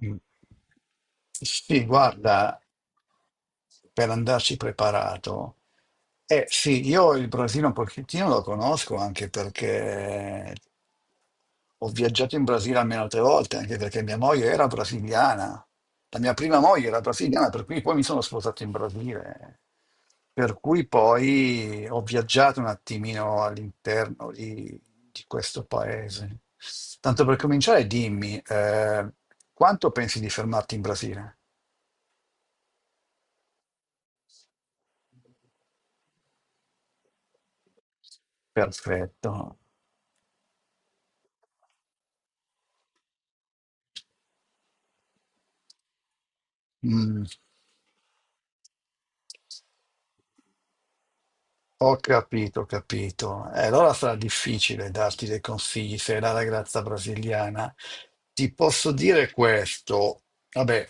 Mm. Sì, guarda. Per andarci preparato. Eh sì, io il Brasile un pochettino lo conosco anche perché ho viaggiato in Brasile almeno altre volte, anche perché mia moglie era brasiliana. La mia prima moglie era brasiliana, per cui poi mi sono sposato in Brasile. Per cui poi ho viaggiato un attimino all'interno di questo paese. Tanto per cominciare, dimmi, quanto pensi di fermarti in Brasile? Perfetto. Mm. Ho capito, ho capito. E allora sarà difficile darti dei consigli se è la ragazza brasiliana. Ti posso dire questo. Vabbè,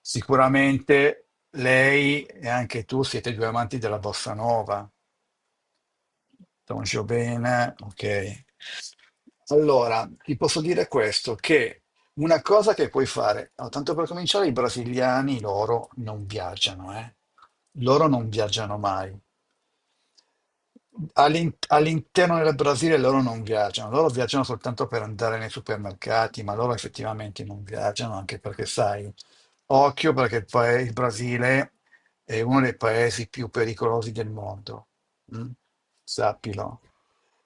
sicuramente lei e anche tu siete due amanti della bossa nova. Toncio bene, ok. Allora, ti posso dire questo, che una cosa che puoi fare, no, tanto per cominciare, i brasiliani loro non viaggiano, eh. Loro non viaggiano mai. All'interno del Brasile loro non viaggiano, loro viaggiano soltanto per andare nei supermercati, ma loro effettivamente non viaggiano, anche perché sai, occhio perché il Brasile è uno dei paesi più pericolosi del mondo, mm? Sappilo.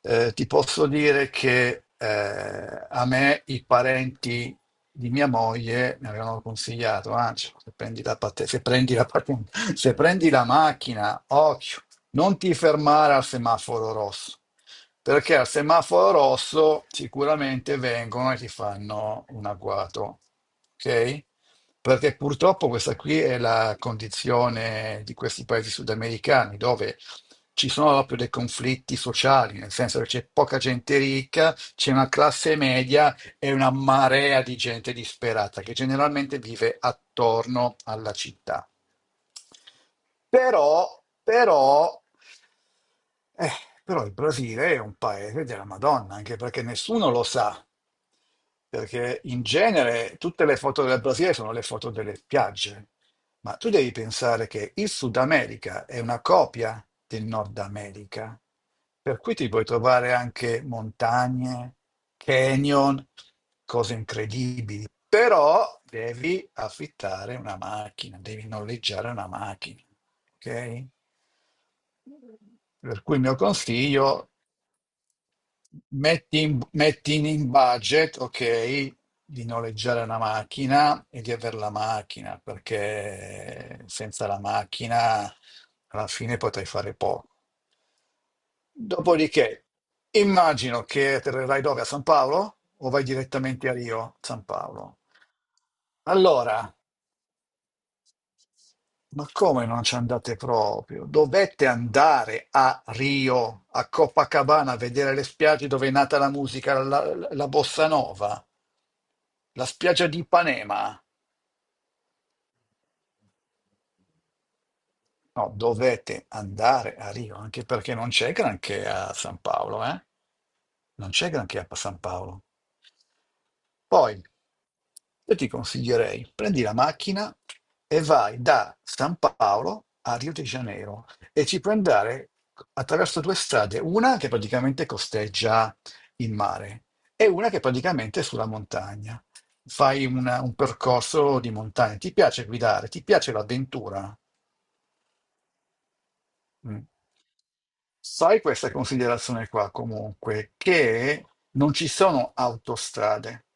Ti posso dire che a me i parenti di mia moglie mi avevano consigliato, "Ancio, se prendi la pat- se prendi la pat- se prendi la macchina, occhio, non ti fermare al semaforo rosso, perché al semaforo rosso sicuramente vengono e ti fanno un agguato, ok? Perché purtroppo questa qui è la condizione di questi paesi sudamericani, dove ci sono proprio dei conflitti sociali, nel senso che c'è poca gente ricca, c'è una classe media e una marea di gente disperata che generalmente vive attorno alla città. Però, però, eh, Però il Brasile è un paese della Madonna, anche perché nessuno lo sa, perché in genere tutte le foto del Brasile sono le foto delle spiagge. Ma tu devi pensare che il Sud America è una copia del Nord America, per cui ti puoi trovare anche montagne, canyon, cose incredibili. Però devi affittare una macchina, devi noleggiare una macchina, ok? Per cui il mio consiglio. Metti in budget, ok, di noleggiare una macchina e di avere la macchina, perché senza la macchina alla fine potrai fare poco. Dopodiché, immagino che atterrerai dove? A San Paolo o vai direttamente a Rio, San Paolo? Allora, ma come non ci andate proprio? Dovete andare a Rio, a Copacabana, a vedere le spiagge dove è nata la musica, la bossa nova, la spiaggia di Ipanema. No, dovete andare a Rio, anche perché non c'è granché a San Paolo, eh? Non c'è granché a San Paolo. Poi io ti consiglierei, prendi la macchina e vai da San Paolo a Rio de Janeiro e ci puoi andare attraverso due strade, una che praticamente costeggia il mare e una che praticamente è sulla montagna. Fai un percorso di montagna. Ti piace guidare, ti piace l'avventura? Mm. Sai questa considerazione qua comunque, che non ci sono autostrade.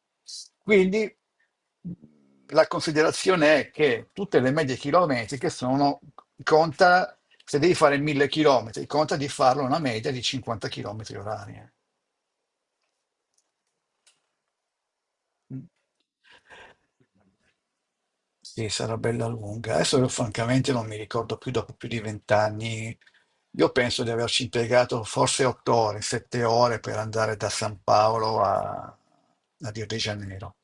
Quindi la considerazione è che tutte le medie chilometriche sono, conta, se devi fare 1000 chilometri, conta di farlo una media di 50 chilometri orari, eh. Mm. Sì, sarà bella lunga. Adesso io francamente non mi ricordo più dopo più di vent'anni. Io penso di averci impiegato forse 8 ore, 7 ore per andare da San Paolo a Rio de Janeiro.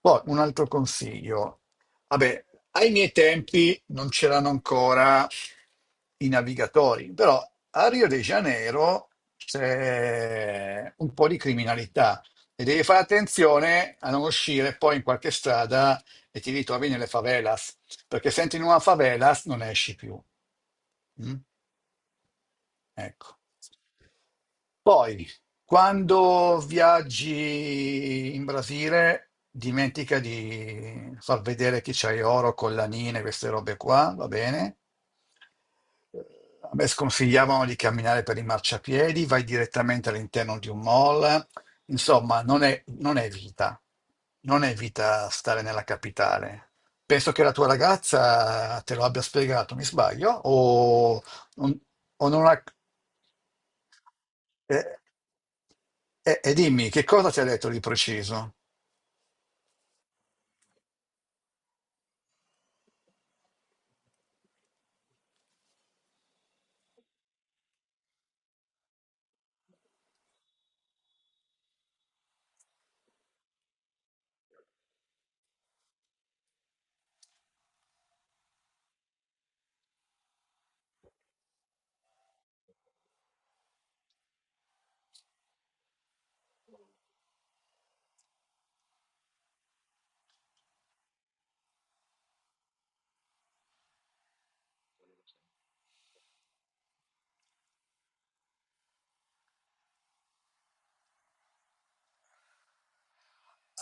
Poi un altro consiglio. Vabbè, ai miei tempi non c'erano ancora i navigatori, però a Rio de Janeiro c'è un po' di criminalità e devi fare attenzione a non uscire poi in qualche strada e ti ritrovi nelle favelas, perché se entri in una favelas non esci più. Mm? Ecco. Poi, quando viaggi in Brasile, dimentica di far vedere che c'hai oro, collanine, queste robe qua, va bene? A me sconsigliavano di camminare per i marciapiedi, vai direttamente all'interno di un mall. Insomma, non è vita. Non è vita stare nella capitale. Penso che la tua ragazza te lo abbia spiegato, mi sbaglio? O non ha. E, e dimmi, che cosa ti ha detto di preciso?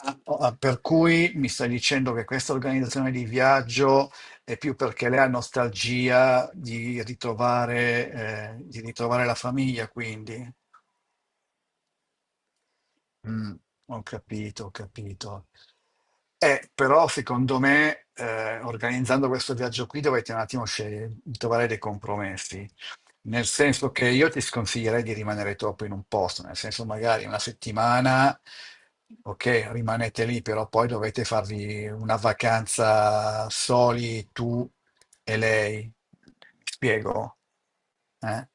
Ah, oh, ah, per cui mi stai dicendo che questa organizzazione di viaggio è più perché lei ha nostalgia di ritrovare, di ritrovare la famiglia, quindi. Mm, ho capito, ho capito. Però secondo me, organizzando questo viaggio qui dovete un attimo scegliere, trovare dei compromessi. Nel senso che io ti sconsiglierei di rimanere troppo in un posto, nel senso magari una settimana, ok, rimanete lì, però poi dovete farvi una vacanza soli tu e lei. Spiego, eh?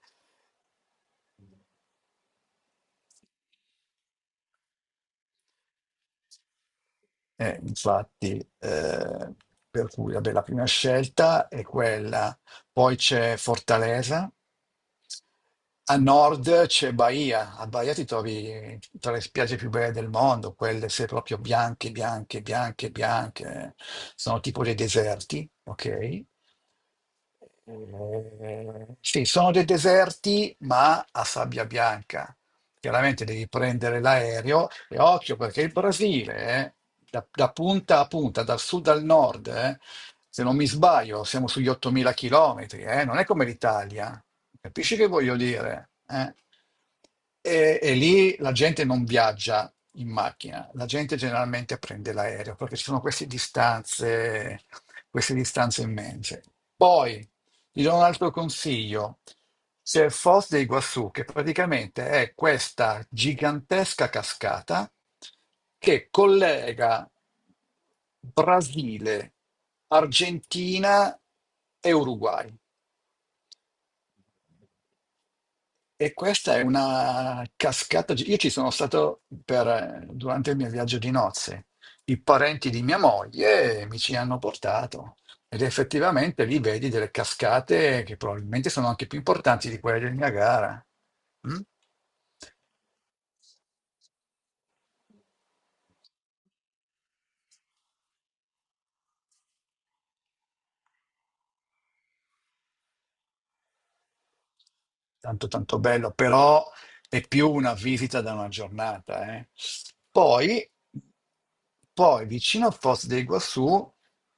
Infatti, eh, per cui vabbè, la prima scelta è quella, poi c'è Fortaleza, a nord c'è Bahia, a Bahia ti trovi tra le spiagge più belle del mondo, quelle se proprio bianche, bianche, bianche, bianche, sono tipo dei deserti, ok? Sì, sono dei deserti, ma a sabbia bianca. Chiaramente devi prendere l'aereo e occhio perché il Brasile, da punta a punta, dal sud al nord, se non mi sbaglio, siamo sugli 8.000 chilometri, non è come l'Italia. Capisci che voglio dire, eh? E lì la gente non viaggia in macchina, la gente generalmente prende l'aereo perché ci sono queste distanze immense. Poi ti do un altro consiglio. C'è il Foz de Iguazú, che praticamente è questa gigantesca cascata che collega Brasile, Argentina e Uruguay. E questa è una cascata. Io ci sono stato durante il mio viaggio di nozze. I parenti di mia moglie mi ci hanno portato ed effettivamente lì vedi delle cascate che probabilmente sono anche più importanti di quelle del Niagara. Mm? Tanto tanto bello, però è più una visita da una giornata, eh. Poi, poi vicino a Foz del Iguaçu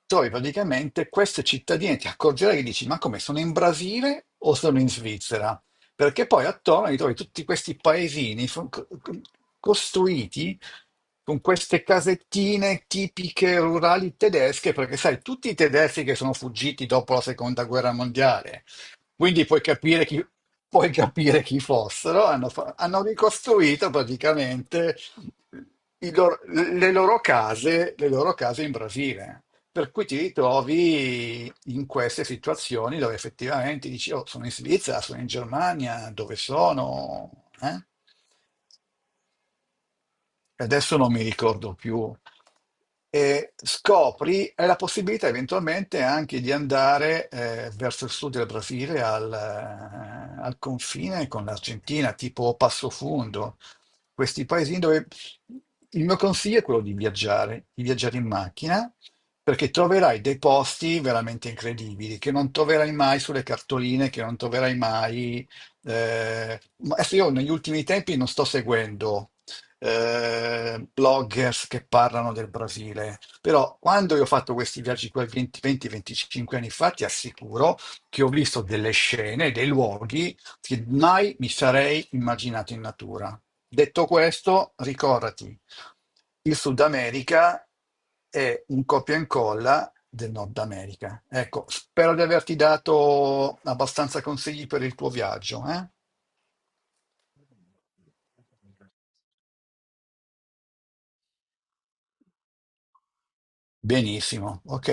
trovi praticamente queste cittadine, ti accorgerai che dici, ma come sono in Brasile o sono in Svizzera? Perché poi attorno li trovi tutti questi paesini costruiti con queste casettine tipiche rurali tedesche, perché sai, tutti i tedeschi che sono fuggiti dopo la seconda guerra mondiale, quindi puoi capire chi fossero, hanno ricostruito praticamente i loro- le loro case in Brasile. Per cui ti ritrovi in queste situazioni dove effettivamente dici, oh, sono in Svizzera, sono in Germania, dove sono? Eh? E adesso non mi ricordo più, e scopri hai la possibilità eventualmente anche di andare verso il sud del Brasile al confine con l'Argentina, tipo Passo Fundo, questi paesini dove il mio consiglio è quello di viaggiare in macchina, perché troverai dei posti veramente incredibili che non troverai mai sulle cartoline, che non troverai mai. Ma adesso io negli ultimi tempi non sto seguendo bloggers che parlano del Brasile. Però quando io ho fatto questi viaggi qua 20-25 anni fa, ti assicuro che ho visto delle scene, dei luoghi che mai mi sarei immaginato in natura. Detto questo, ricordati, il Sud America è un copia e incolla del Nord America. Ecco, spero di averti dato abbastanza consigli per il tuo viaggio, eh? Benissimo, ok.